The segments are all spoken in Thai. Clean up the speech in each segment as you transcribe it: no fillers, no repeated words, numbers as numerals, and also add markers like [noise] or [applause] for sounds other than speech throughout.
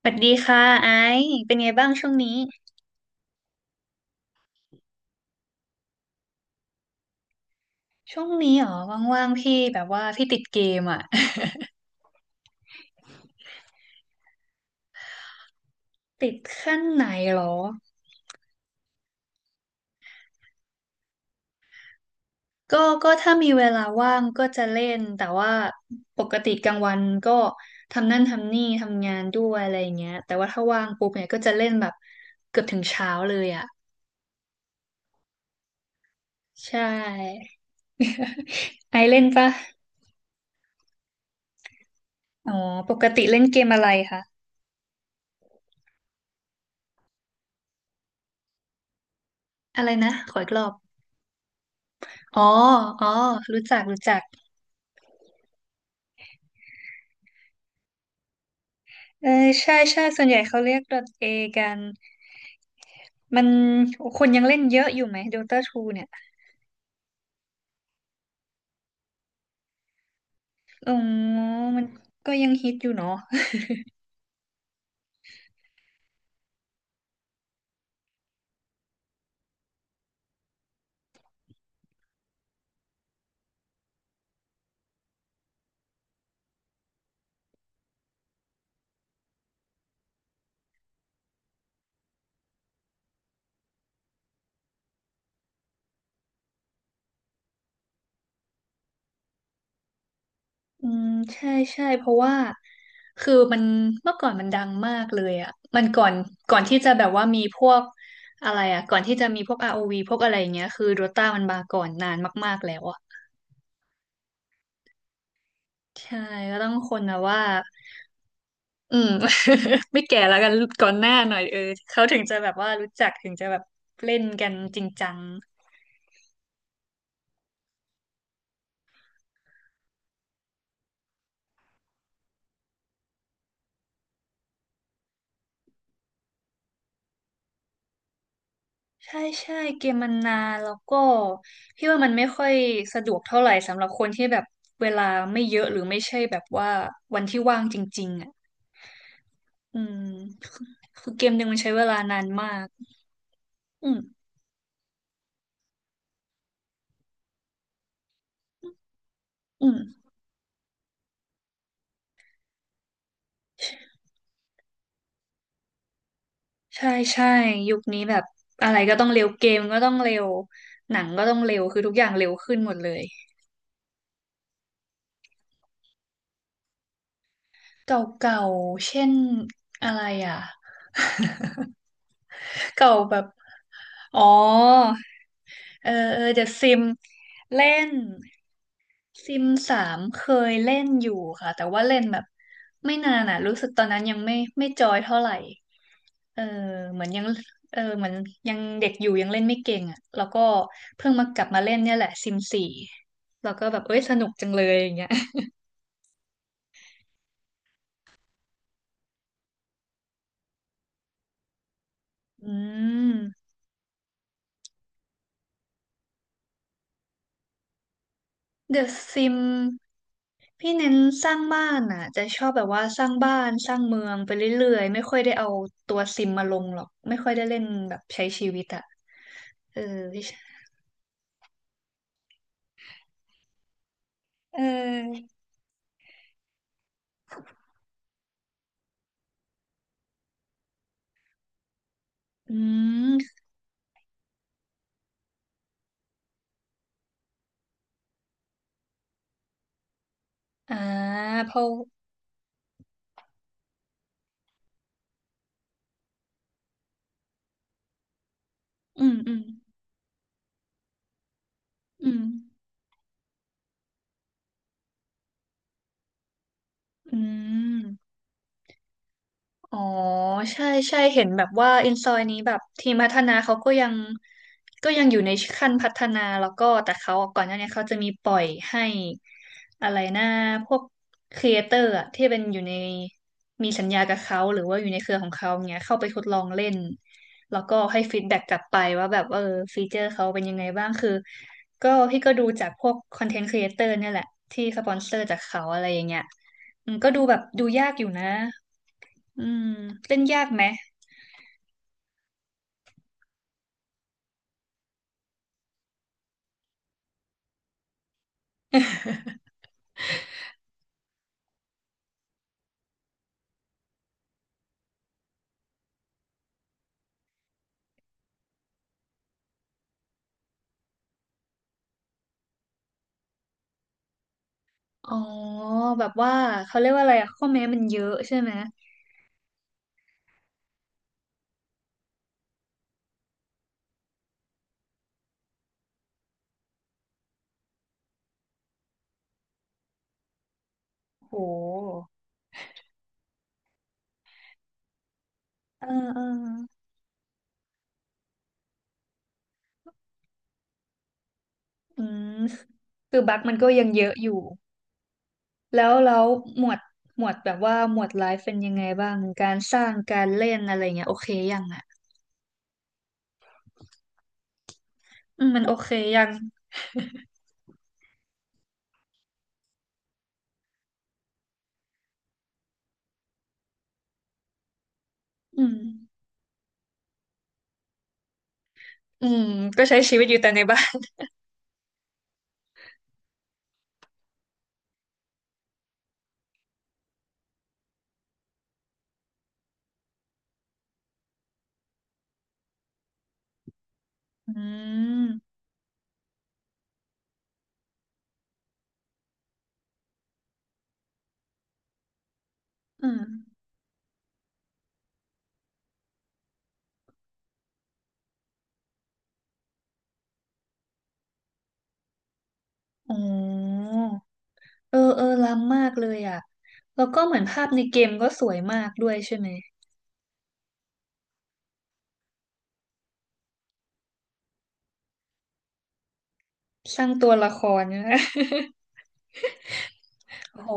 สวัสดีค่ะไอซ์เป็นไงบ้างช่วงนี้ช่วงนี้เหรอว่างๆพี่แบบว่าพี่ติดเกมอ่ะ [laughs] ติดขั้นไหนเหรอก็ก็ถ้ามีเวลาว่างก็จะเล่นแต่ว่าปกติกลางวันก็ทำนั่นทำนี่ทำงานด้วยอะไรอย่างเงี้ยแต่ว่าถ้าว่างปุ๊บเนี่ยก็จะเล่นแบบเกือบถึงเช้าเลยอ่ะใช่ไอซ์เล่นปะอ๋อปกติเล่นเกมอะไรคะอะไรนะขออีกรอบอ๋ออ๋อรู้จักรู้จัก เออใช่ใช่ส่วนใหญ่เขาเรียก d a กันมันคนยังเล่นเยอะอยู่ไหม Dota ทูเนี่ยอ๋อมันก็ยังฮิตอยู่เนาะอืมใช่ใช่เพราะว่าคือมันเมื่อก่อนมันดังมากเลยอ่ะมันก่อนก่อนที่จะแบบว่ามีพวกอะไรอ่ะก่อนที่จะมีพวก ROV พวกอะไรอย่างเงี้ยคือ Dota มันมาก่อนนานมากๆแล้วอ่ะใช่ก็ต้องคนนะว่าอืม [laughs] ไม่แก่แล้วกันก่อนหน้าหน่อยเออเขาถึงจะแบบว่ารู้จักถึงจะแบบเล่นกันจริงจัง ใช่ใช่เกมมันนานแล้วก็พี่ว่ามันไม่ค่อยสะดวกเท่าไหร่สำหรับคนที่แบบเวลาไม่เยอะหรือไม่ใช่แบบว่าวันที่ว่างจริงๆอ่ะอืมคือคือเกมหนึ่งมันใช้เวลานานมากอืมอืมใช่ใช่ยุคนี้แบบอะไรก็ต้องเร็วเกมก็ต้องเร็วหนังก็ต้องเร็วคือทุกอย่างเร็วขึ้นหมดเลยเก่าๆเช่นอะไรอ่ะ [laughs] เก่าแบบอ๋อเออเออเดอะซิมเล่น ซิมสามเคยเล่นอยู่ค่ะแต่ว่าเล่นแบบไม่นานอ่ะรู้สึกตอนนั้นยังไม่จอยเท่าไหร่เออเหมือนยังเออเหมือนยังเด็กอยู่ยังเล่นไม่เก่งอ่ะแล้วก็เพิ่งมากลับมาเล่นเนี่ยแหละซิมสี่แล้วก็แบบเอ้ยสนุกจังเลยอย่างเงี้ยอืมเดอะซิมพี่เน้นสร้างบ้านอ่ะจะชอบแบบว่าสร้างบ้านสร้างเมืองไปเรื่อยๆไม่ค่อยได้เอาตัวซิมมาลงหรอกไม่ค่อยได้เล่นแบบใช้ชีวิตอ่ะเออพี่เออ อืมอ่าเพราะอืมอืมอืมอืม อ๋อใช่ใช่เห็นแบบว่าอินซอยนี้แบบทีมพัฒนาเขาก็ยังก็ยังอยู่ในขั้นพัฒนาแล้วก็แต่เขาก่อนหน้านี้เขาจะมีปล่อยให้อะไรนะพวกครีเอเตอร์อะที่เป็นอยู่ในมีสัญญากับเขาหรือว่าอยู่ในเครือของเขาเงี้ยเข้าไปทดลองเล่นแล้วก็ให้ฟีดแบ็กกลับไปว่าแบบเออฟีเจอร์เขาเป็นยังไงบ้างคือก็พี่ก็ดูจากพวกคอนเทนต์ครีเอเตอร์เนี่ยแหละที่สปอนเซอร์จากเขาอะไรอย่างเงี้ยอืมก็ดูแบบดูยากอยู่นะ อืมเล่นยากไหมอ๋อแบบว่าเขาเรียกว่าอะไรอะข้อแม้มันเยอะใช่ไหมโหเออเอออืมคือบั๊กมันก็ยังเยอะอยู่แล้วแล้วหมวดหมวดแบบว่าหมวดไลฟ์เป็นยังไงบ้างการสร้างการเล่นอะไรเงี้ยโอเคยังอะอืมมันโอเคยังอืมอืมก็ใช้ชีวิตอยู่แต่ในบ้านอืมอืมอ๋อเออเออล้ำมากเลยอ่ะ แล้วก็เหมือนภาพในเกมก็สวยมากด้วยใช่ไหม สร้างตัวละครนะ [laughs] โอ้โห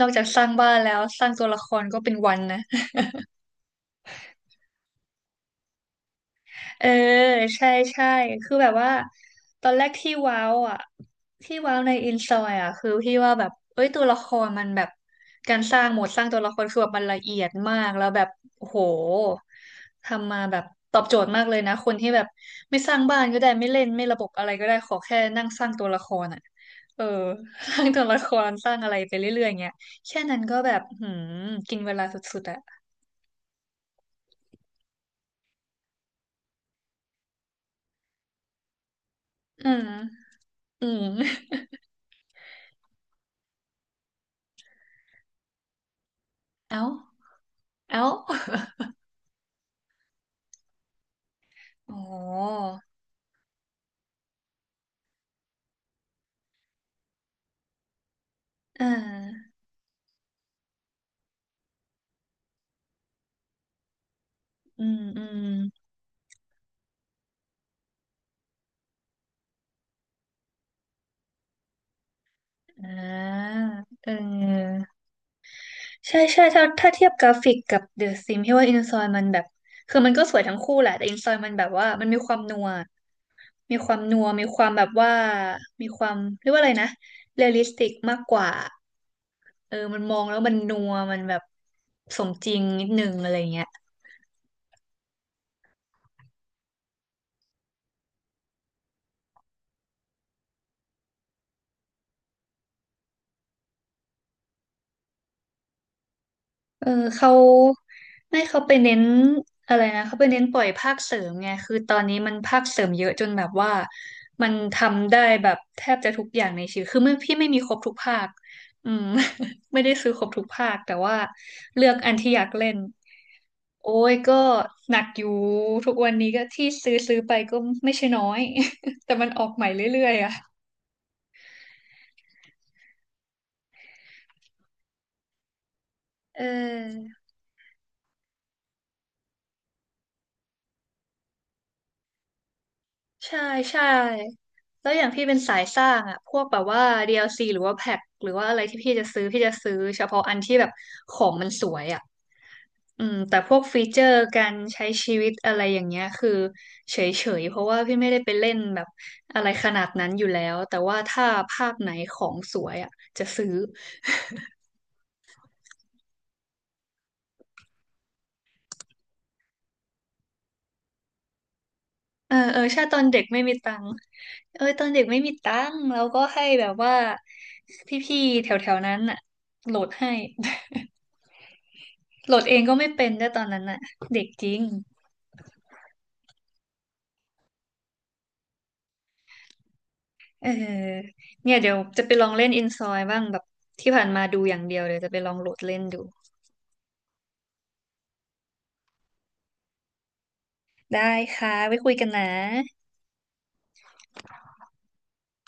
นอกจากสร้างบ้านแล้วสร้างตัวละครก็เป็นวันนะ เออใช่ใช่คือแบบว่าตอนแรกที่ว้าวอ่ะที่ว้าวในอินซอยอ่ะคือพี่ว่าแบบเอ้ยตัวละครมันแบบการสร้างโหมดสร้างตัวละครคือแบบมันละเอียดมากแล้วแบบโอ้โหทำมาแบบตอบโจทย์มากเลยนะคนที่แบบไม่สร้างบ้านก็ได้ไม่เล่นไม่ระบบอะไรก็ได้ขอแค่นั่งสร้างตัวละครอ่ะเออ [laughs] สร้างตัวละครสร้างอะไรไปเรื่อยๆอย่างเงี้ยแค่นั้นก็แบบหืมกินเวลาสุดๆอ่ะอืมอืม [laughs] เอ้าเอ้าอ๋อ อ่าอืมอืมอ่าเออใช่ใช่ถ้าเทียบกราฟิกกับเดอะซิมที่ว่าอินซอยมันแบบ คือมันก็สวยทั้งคู่แหละ แต่อินซอยมันแบบว่ามันมีความนัวมีความนัวมีความแบบว่า มีความเรียกว่าอะไรนะเรียลลิสติกมากกว่าเออมันมองแล้วมันนัวมันแบบสมจริงนิดนึงอะไรเงี้ย เออเขาไม่เขาไปเน้นอะไรนะเขาไปเน้นปล่อยภาคเสริมไงคือตอนนี้มันภาคเสริมเยอะจนแบบว่ามันทำได้แบบแทบจะทุกอย่างในชีวิตคือไม่พี่ไม่มีครบทุกภาคอืม [laughs] ไม่ได้ซื้อครบทุกภาคแต่ว่าเลือกอันที่อยากเล่นโอ้ยก็หนักอยู่ทุกวันนี้ก็ที่ซื้อไปก็ไม่ใช่น้อย [laughs] แต่มันออกใหม่เรื่อยๆอ่ะเออ ใช่ใช่แล้วอย่างพี่เป็นสายสร้างอะพวกแบบว่า DLC หรือว่าแพ็คหรือว่าอะไรที่พี่จะซื้อเฉพาะอันที่แบบของมันสวยอะอืมแต่พวกฟีเจอร์การใช้ชีวิตอะไรอย่างเงี้ยคือเฉยๆเพราะว่าพี่ไม่ได้ไปเล่นแบบอะไรขนาดนั้นอยู่แล้วแต่ว่าถ้าภาพไหนของสวยอะจะซื้อ [laughs] เออเออใช่ตอนเด็กไม่มีตังค์เออตอนเด็กไม่มีตังค์แล้วก็ให้แบบว่าพี่ๆแถวๆนั้นอะโหลดให้ โหลดเองก็ไม่เป็นด้วยตอนนั้นน่ะเด็กจริงเออเนี่ยเดี๋ยวจะไปลองเล่นอินซอยบ้างแบบที่ผ่านมาดูอย่างเดียวเดี๋ยวจะไปลองโหลดเล่นดูได้ค่ะไว้คุยกันนะ